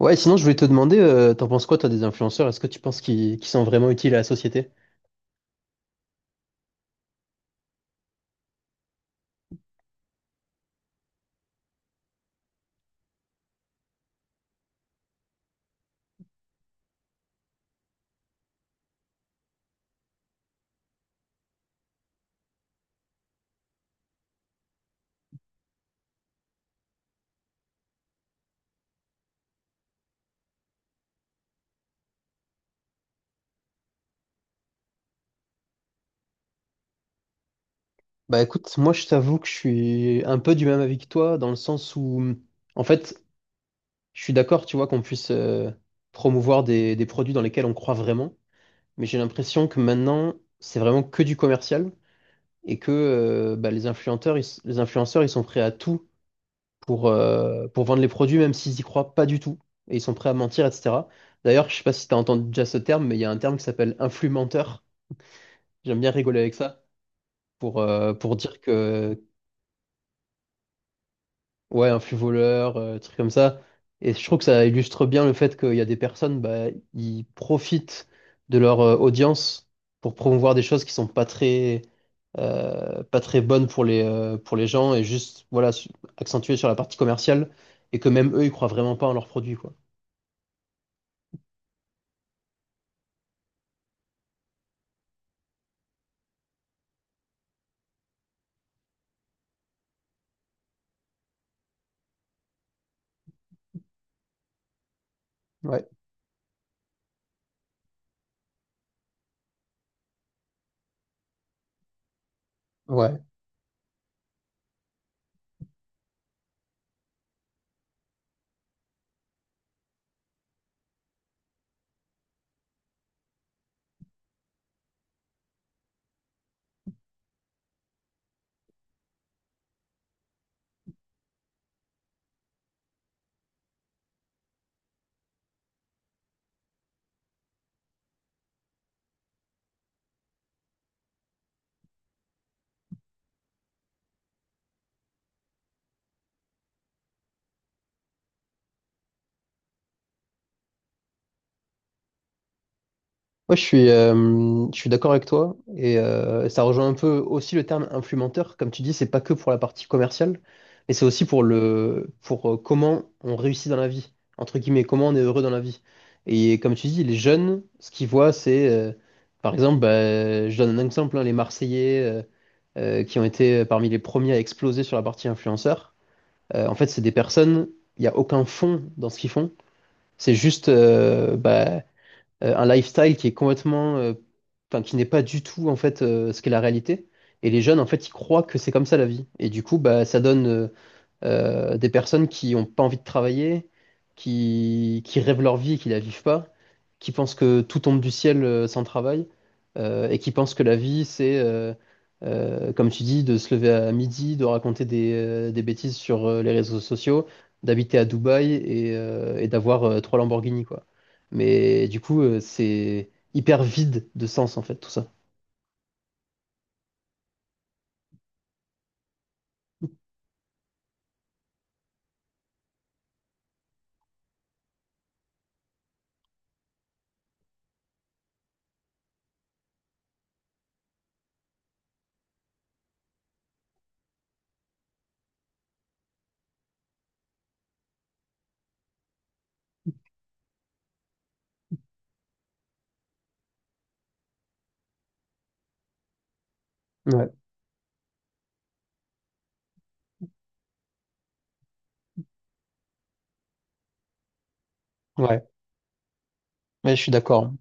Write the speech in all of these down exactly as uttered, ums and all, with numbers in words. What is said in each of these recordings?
Ouais, sinon je voulais te demander, euh, t'en penses quoi toi des influenceurs? Est-ce que tu penses qu'ils qu'ils sont vraiment utiles à la société? Bah écoute, moi je t'avoue que je suis un peu du même avis que toi, dans le sens où en fait je suis d'accord, tu vois, qu'on puisse euh, promouvoir des, des produits dans lesquels on croit vraiment, mais j'ai l'impression que maintenant c'est vraiment que du commercial et que euh, bah, les influenceurs, ils, s- les influenceurs ils sont prêts à tout pour, euh, pour vendre les produits, même s'ils y croient pas du tout, et ils sont prêts à mentir, et cetera. D'ailleurs, je sais pas si t'as entendu déjà ce terme, mais il y a un terme qui s'appelle influmenteur. J'aime bien rigoler avec ça pour, euh, pour dire que, ouais, un flux voleur, euh, truc comme ça. Et je trouve que ça illustre bien le fait qu'il y a des personnes, bah, ils profitent de leur euh, audience pour promouvoir des choses qui sont pas très, euh, pas très bonne pour les, euh, pour les gens et juste voilà, su- accentuée sur la partie commerciale et que même eux, ils croient vraiment pas en leurs produits, quoi. Ouais, ouais. Moi, je suis, euh, je suis d'accord avec toi et euh, ça rejoint un peu aussi le terme influenceur. Comme tu dis, c'est pas que pour la partie commerciale, mais c'est aussi pour le, pour euh, comment on réussit dans la vie, entre guillemets, comment on est heureux dans la vie. Et comme tu dis, les jeunes, ce qu'ils voient, c'est, euh, par exemple, bah, je donne un exemple, hein, les Marseillais euh, euh, qui ont été euh, parmi les premiers à exploser sur la partie influenceur. Euh, en fait, c'est des personnes, il n'y a aucun fond dans ce qu'ils font. C'est juste, euh, bah euh, un lifestyle qui est complètement, euh, enfin, qui n'est pas du tout en fait euh, ce qu'est la réalité. Et les jeunes, en fait, ils croient que c'est comme ça la vie. Et du coup, bah, ça donne, euh, euh, des personnes qui n'ont pas envie de travailler, qui, qui rêvent leur vie et qui la vivent pas, qui pensent que tout tombe du ciel euh, sans travail, euh, et qui pensent que la vie, c'est, euh, euh, comme tu dis, de se lever à midi, de raconter des, euh, des bêtises sur euh, les réseaux sociaux, d'habiter à Dubaï et, euh, et d'avoir euh, trois Lamborghini, quoi. Mais du coup, euh, c'est hyper vide de sens, en fait, tout ça. Ouais, ouais, ouais, je suis d'accord.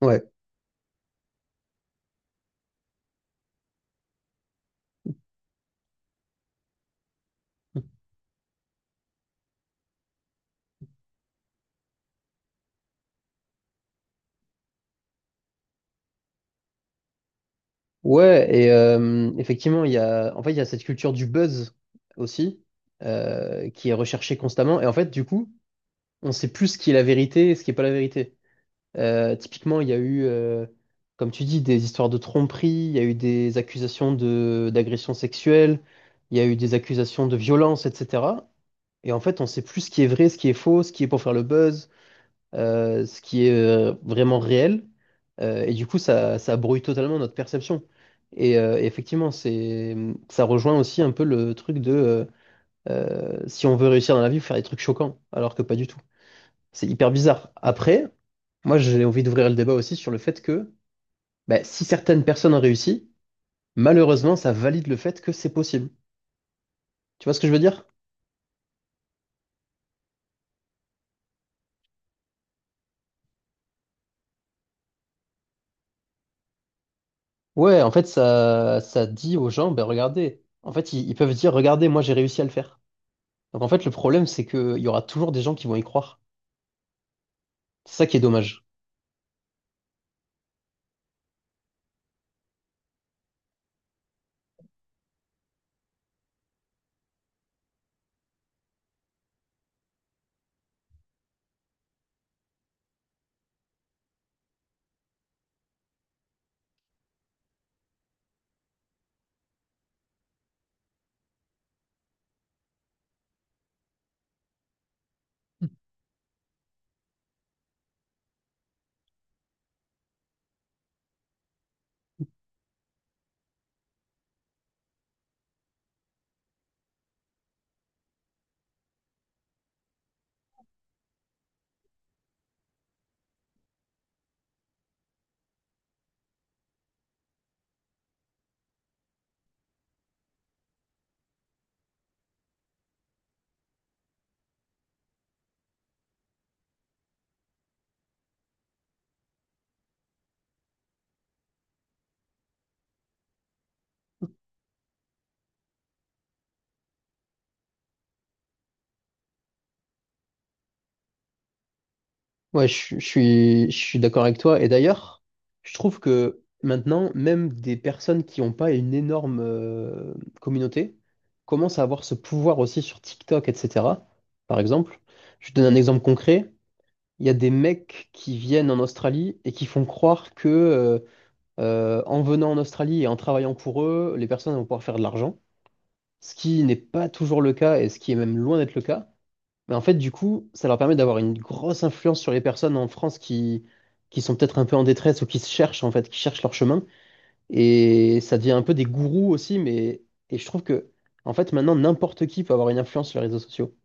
Ouais. Ouais, et euh, effectivement, il y a, en fait, il y a cette culture du buzz aussi, euh, qui est recherchée constamment. Et en fait, du coup, on sait plus ce qui est la vérité et ce qui n'est pas la vérité. Euh, typiquement, il y a eu, euh, comme tu dis, des histoires de tromperie, il y a eu des accusations de, d'agression sexuelle, il y a eu des accusations de violence, et cetera. Et en fait, on sait plus ce qui est vrai, ce qui est faux, ce qui est pour faire le buzz euh, ce qui est euh, vraiment réel. Euh, et du coup, ça, ça brouille totalement notre perception. Et euh, effectivement, c'est, ça rejoint aussi un peu le truc de euh, euh, si on veut réussir dans la vie, faut faire des trucs choquants, alors que pas du tout. C'est hyper bizarre. Après, moi, j'ai envie d'ouvrir le débat aussi sur le fait que bah, si certaines personnes ont réussi, malheureusement, ça valide le fait que c'est possible. Tu vois ce que je veux dire? Ouais, en fait, ça, ça dit aux gens, ben regardez, en fait, ils, ils peuvent dire, regardez, moi, j'ai réussi à le faire. Donc en fait, le problème, c'est qu'il y aura toujours des gens qui vont y croire. C'est ça qui est dommage. Ouais, je, suis, je suis je suis d'accord avec toi. Et d'ailleurs, je trouve que maintenant, même des personnes qui n'ont pas une énorme euh, communauté commencent à avoir ce pouvoir aussi sur TikTok, et cetera. Par exemple, je te donne un exemple concret. Il y a des mecs qui viennent en Australie et qui font croire que euh, euh, en venant en Australie et en travaillant pour eux, les personnes vont pouvoir faire de l'argent, ce qui n'est pas toujours le cas et ce qui est même loin d'être le cas. Mais en fait, du coup, ça leur permet d'avoir une grosse influence sur les personnes en France qui, qui sont peut-être un peu en détresse ou qui se cherchent, en fait, qui cherchent leur chemin. Et ça devient un peu des gourous aussi, mais et je trouve que, en fait, maintenant, n'importe qui peut avoir une influence sur les réseaux sociaux.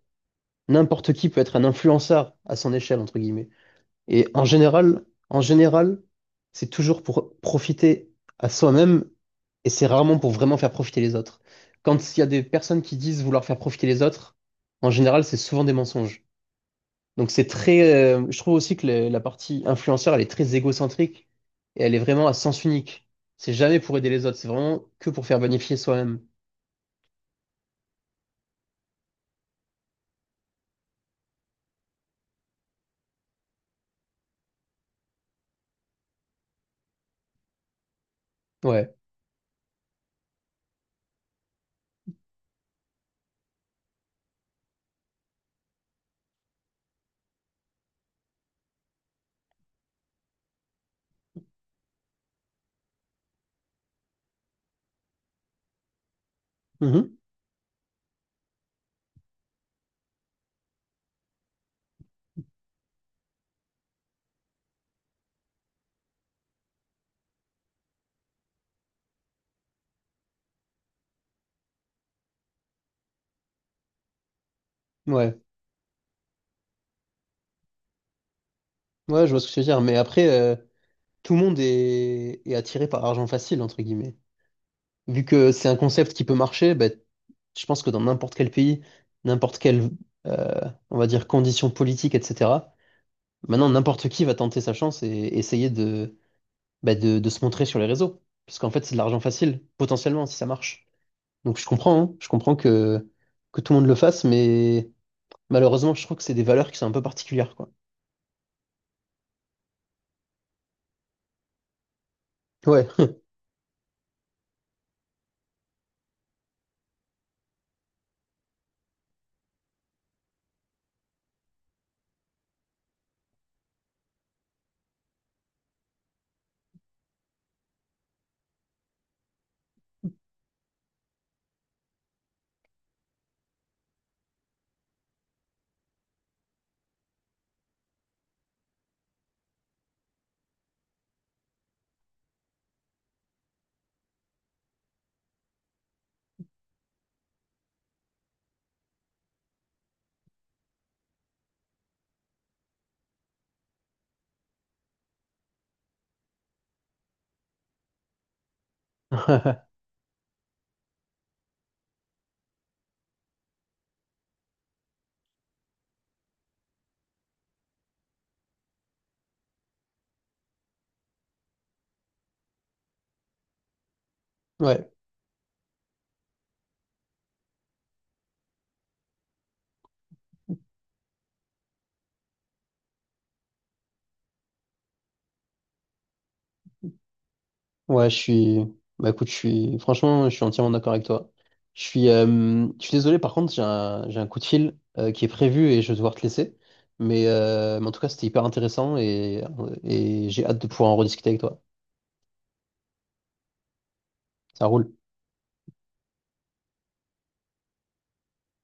N'importe qui peut être un influenceur à son échelle, entre guillemets. Et en général, en général, c'est toujours pour profiter à soi-même et c'est rarement pour vraiment faire profiter les autres. Quand il y a des personnes qui disent vouloir faire profiter les autres, en général, c'est souvent des mensonges. Donc c'est très, euh, je trouve aussi que le- la partie influenceur, elle est très égocentrique et elle est vraiment à sens unique. C'est jamais pour aider les autres, c'est vraiment que pour faire bénéficier soi-même. Ouais. Mhm. Ouais. Ouais, je vois ce que tu veux dire. Mais après, euh, tout le monde est, est attiré par l'argent facile, entre guillemets. Vu que c'est un concept qui peut marcher, ben, je pense que dans n'importe quel pays, n'importe quelle, euh, on va dire, condition politique, et cetera, maintenant, n'importe qui va tenter sa chance et essayer de bah, de, de se montrer sur les réseaux. Parce qu'en fait, c'est de l'argent facile, potentiellement, si ça marche. Donc je comprends, hein. Je comprends que, que tout le monde le fasse, mais malheureusement, je trouve que c'est des valeurs qui sont un peu particulières, quoi. Ouais. Ouais. Ouais, je suis. Bah écoute, je suis. Franchement, je suis entièrement d'accord avec toi. Je suis, euh, je suis désolé, par contre, j'ai un, j'ai un coup de fil euh, qui est prévu et je vais devoir te laisser. Mais, euh, mais en tout cas, c'était hyper intéressant et, et j'ai hâte de pouvoir en rediscuter avec toi. Ça roule.